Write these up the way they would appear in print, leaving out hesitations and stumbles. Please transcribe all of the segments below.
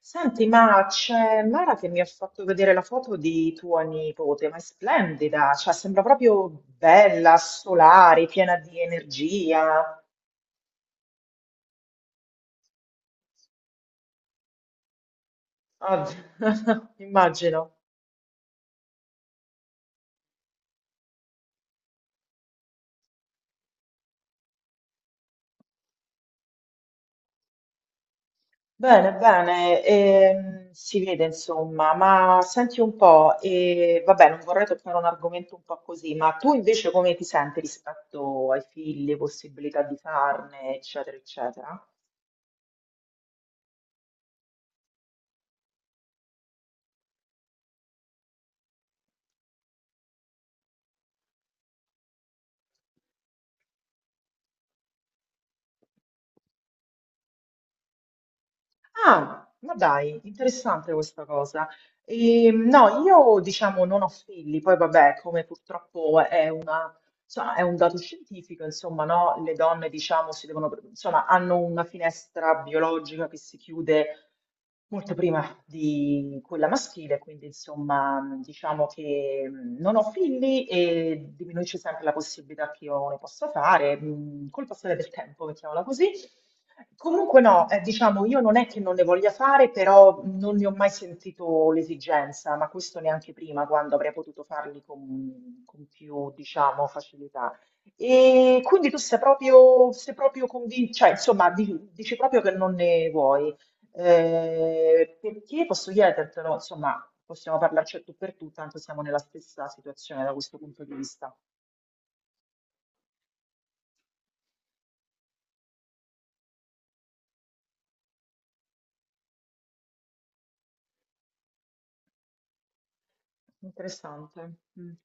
Senti, ma c'è Mara che mi ha fatto vedere la foto di tua nipote, ma è splendida, cioè sembra proprio bella, solare, piena di energia. Ah, immagino. Bene, bene, si vede insomma, ma senti un po', e, vabbè, non vorrei toccare un argomento un po' così, ma tu invece come ti senti rispetto ai figli, possibilità di farne, eccetera, eccetera? Ah, ma dai, interessante questa cosa. E, no, io diciamo non ho figli, poi vabbè, come purtroppo è una, insomma, è un dato scientifico, insomma, no? Le donne, diciamo, si devono, insomma, hanno una finestra biologica che si chiude molto prima di quella maschile, quindi insomma diciamo che non ho figli e diminuisce sempre la possibilità che io ne possa fare, col passare del tempo, mettiamola così. Comunque no, diciamo io non è che non ne voglia fare, però non ne ho mai sentito l'esigenza, ma questo neanche prima, quando avrei potuto farli con più, diciamo, facilità. E quindi tu sei proprio convinto, cioè insomma dici proprio che non ne vuoi. Perché posso chiedertelo, insomma, possiamo parlarci a tu per tu, tanto siamo nella stessa situazione da questo punto di vista. Interessante. Mm.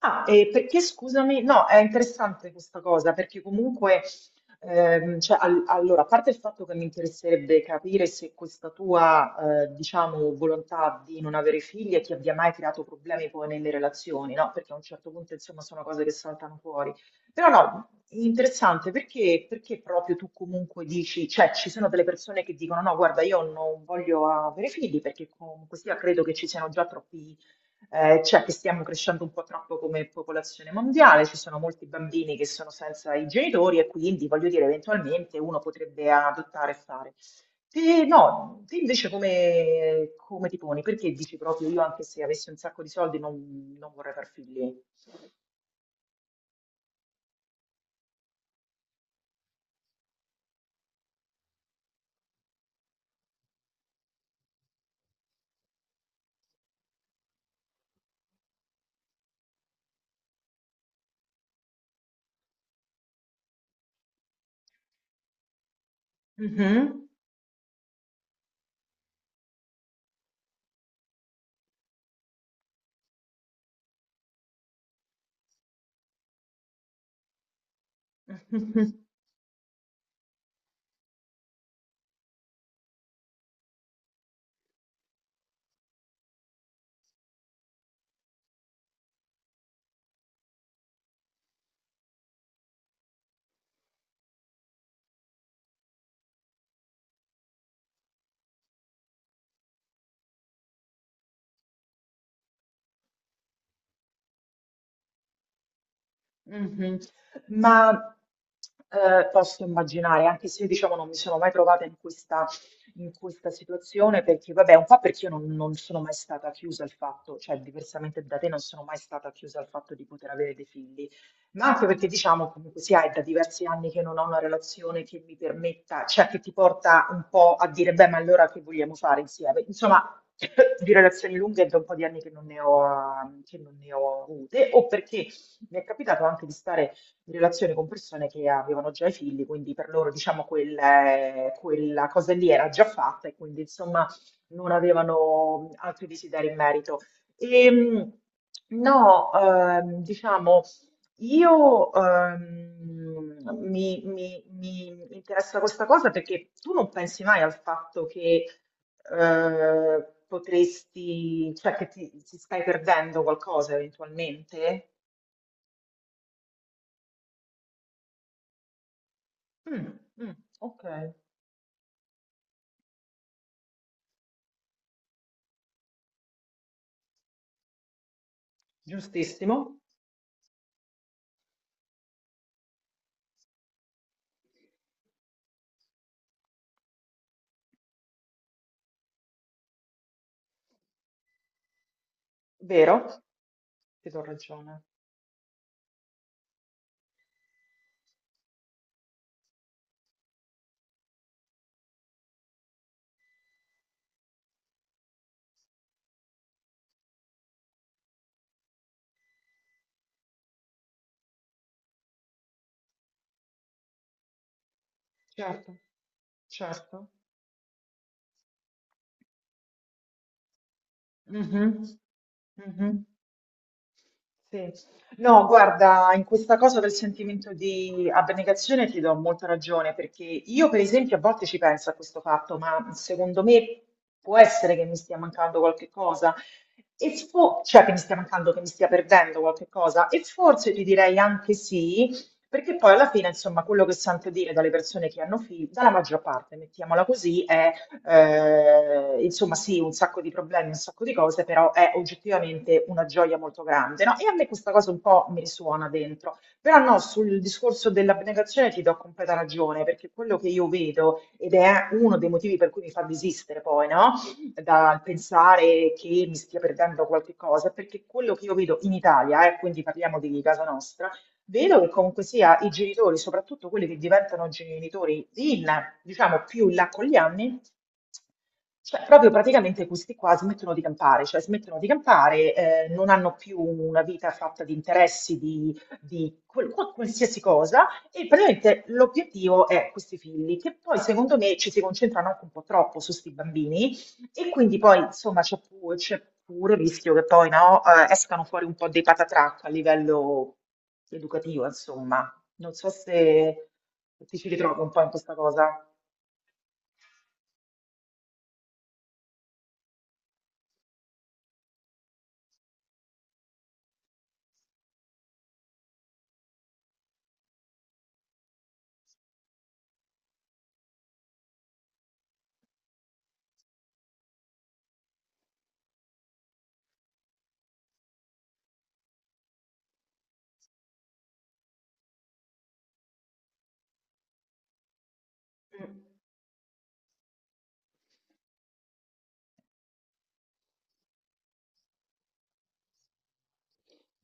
Ah, e perché scusami? No, è interessante questa cosa perché comunque, cioè, allora, a parte il fatto che mi interesserebbe capire se questa tua, diciamo, volontà di non avere figli ti abbia mai creato problemi poi nelle relazioni, no? Perché a un certo punto, insomma, sono cose che saltano fuori. Però no, interessante perché, perché proprio tu comunque dici, cioè, ci sono delle persone che dicono no, guarda, io non voglio avere figli perché comunque sia credo che ci siano già troppi cioè che stiamo crescendo un po' troppo come popolazione mondiale, ci sono molti bambini che sono senza i genitori e quindi, voglio dire, eventualmente uno potrebbe adottare e fare. Te, no, te invece come, come ti poni? Perché dici proprio io anche se avessi un sacco di soldi non, non vorrei far figli? Mhm. Mhm. Ma posso immaginare, anche se diciamo non mi sono mai trovata in questa situazione, perché vabbè, un po' perché io non, non sono mai stata chiusa al fatto, cioè diversamente da te non sono mai stata chiusa al fatto di poter avere dei figli, ma anche perché diciamo comunque sia, è da diversi anni che non ho una relazione che mi permetta, cioè che ti porta un po' a dire, beh, ma allora che vogliamo fare insieme? Insomma, di relazioni lunghe è da un po' di anni che non ne ho, che non ne ho avute, o perché mi è capitato anche di stare in relazione con persone che avevano già i figli, quindi per loro, diciamo, quel, quella cosa lì era già fatta e quindi, insomma, non avevano altri desideri in merito. E, no, diciamo, io mi, mi interessa questa cosa perché tu non pensi mai al fatto che potresti, cioè che ti stai perdendo qualcosa eventualmente? Mm, mm, ok, giustissimo, vero? Ti do ragione. Certo, certo. Mhm, mhm. Sì. No, guarda, in questa cosa del sentimento di abnegazione ti do molta ragione, perché io per esempio a volte ci penso a questo fatto, ma secondo me può essere che mi stia mancando qualche cosa, e cioè che mi stia mancando, che mi stia perdendo qualche cosa, e forse ti direi anche sì, perché poi alla fine, insomma, quello che sento dire dalle persone che hanno figli, dalla maggior parte, mettiamola così, è insomma, sì, un sacco di problemi, un sacco di cose, però è oggettivamente una gioia molto grande, no? E a me questa cosa un po' mi risuona dentro. Però no, sul discorso dell'abnegazione ti do completa ragione, perché quello che io vedo, ed è uno dei motivi per cui mi fa desistere poi, no? Dal pensare che mi stia perdendo qualche cosa, perché quello che io vedo in Italia, e quindi parliamo di casa nostra, vedo che comunque sia i genitori, soprattutto quelli che diventano genitori in, diciamo, più in là con gli anni, cioè proprio praticamente questi qua smettono di campare, cioè smettono di campare, non hanno più una vita fatta di interessi, di qualsiasi cosa, e praticamente l'obiettivo è questi figli, che poi secondo me ci si concentrano anche un po' troppo su questi bambini, e quindi poi, insomma, c'è pure il rischio che poi, no, escano fuori un po' dei patatrac a livello educativo, insomma. Non so se ti ci ritrovi un po' in questa cosa.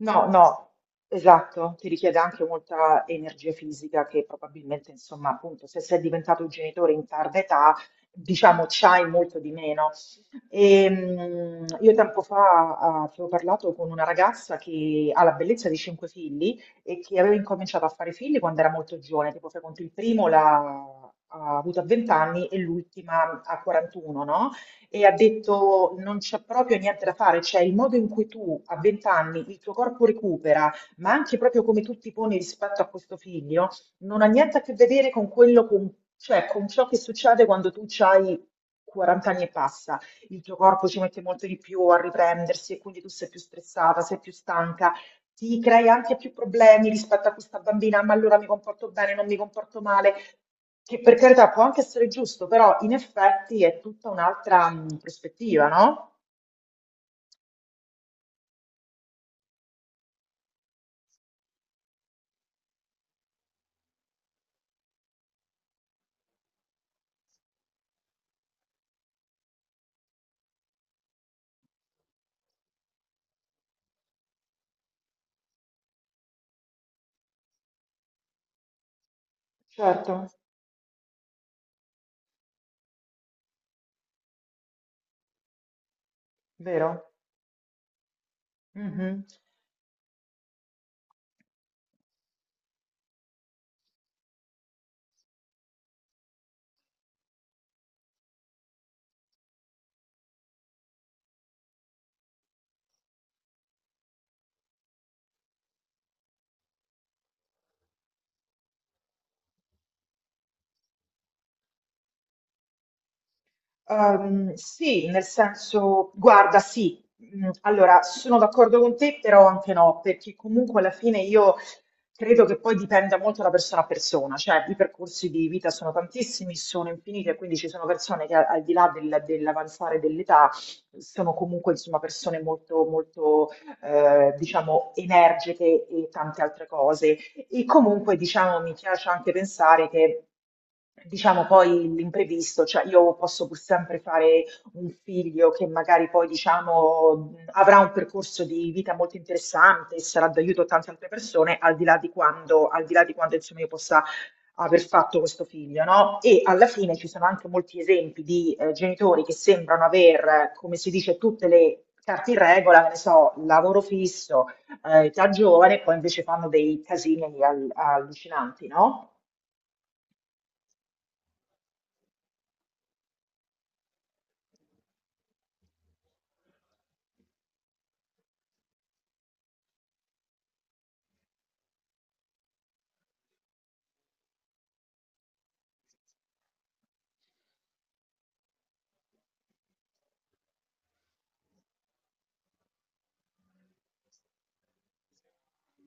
No, no, esatto, ti richiede anche molta energia fisica che probabilmente, insomma, appunto, se sei diventato genitore in tarda età, diciamo, c'hai molto di meno. E, io tempo fa avevo parlato con una ragazza che ha la bellezza di cinque figli e che aveva incominciato a fare figli quando era molto giovane, tipo fai conto il primo l'ha ha avuto a 20 anni e l'ultima a 41, no? E ha detto non c'è proprio niente da fare, cioè il modo in cui tu a 20 anni il tuo corpo recupera, ma anche proprio come tu ti poni rispetto a questo figlio, non ha niente a che vedere con quello, con, cioè con ciò che succede quando tu hai 40 anni e passa. Il tuo corpo ci mette molto di più a riprendersi e quindi tu sei più stressata, sei più stanca. Ti crei anche più problemi rispetto a questa bambina, ma allora mi comporto bene, non mi comporto male. Che per carità può anche essere giusto, però in effetti è tutta un'altra prospettiva, no? Certo, vero? Mhm. Sì, nel senso, guarda, sì, allora sono d'accordo con te, però anche no, perché comunque alla fine io credo che poi dipenda molto da persona a persona, cioè i percorsi di vita sono tantissimi, sono infiniti, e quindi ci sono persone che al di là dell'avanzare dell'età sono comunque insomma persone molto, molto diciamo energiche e tante altre cose. E comunque, diciamo, mi piace anche pensare che, diciamo, poi l'imprevisto, cioè io posso pur sempre fare un figlio che magari poi, diciamo, avrà un percorso di vita molto interessante e sarà d'aiuto a tante altre persone, al di là di quando, al di là di quando, insomma, io possa aver fatto questo figlio, no? E alla fine ci sono anche molti esempi di genitori che sembrano aver, come si dice, tutte le carte in regola, che ne so, lavoro fisso, già giovane, poi invece fanno dei casini allucinanti, no?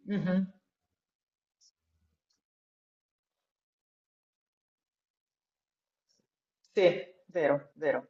Mhm. Sì, vero, vero.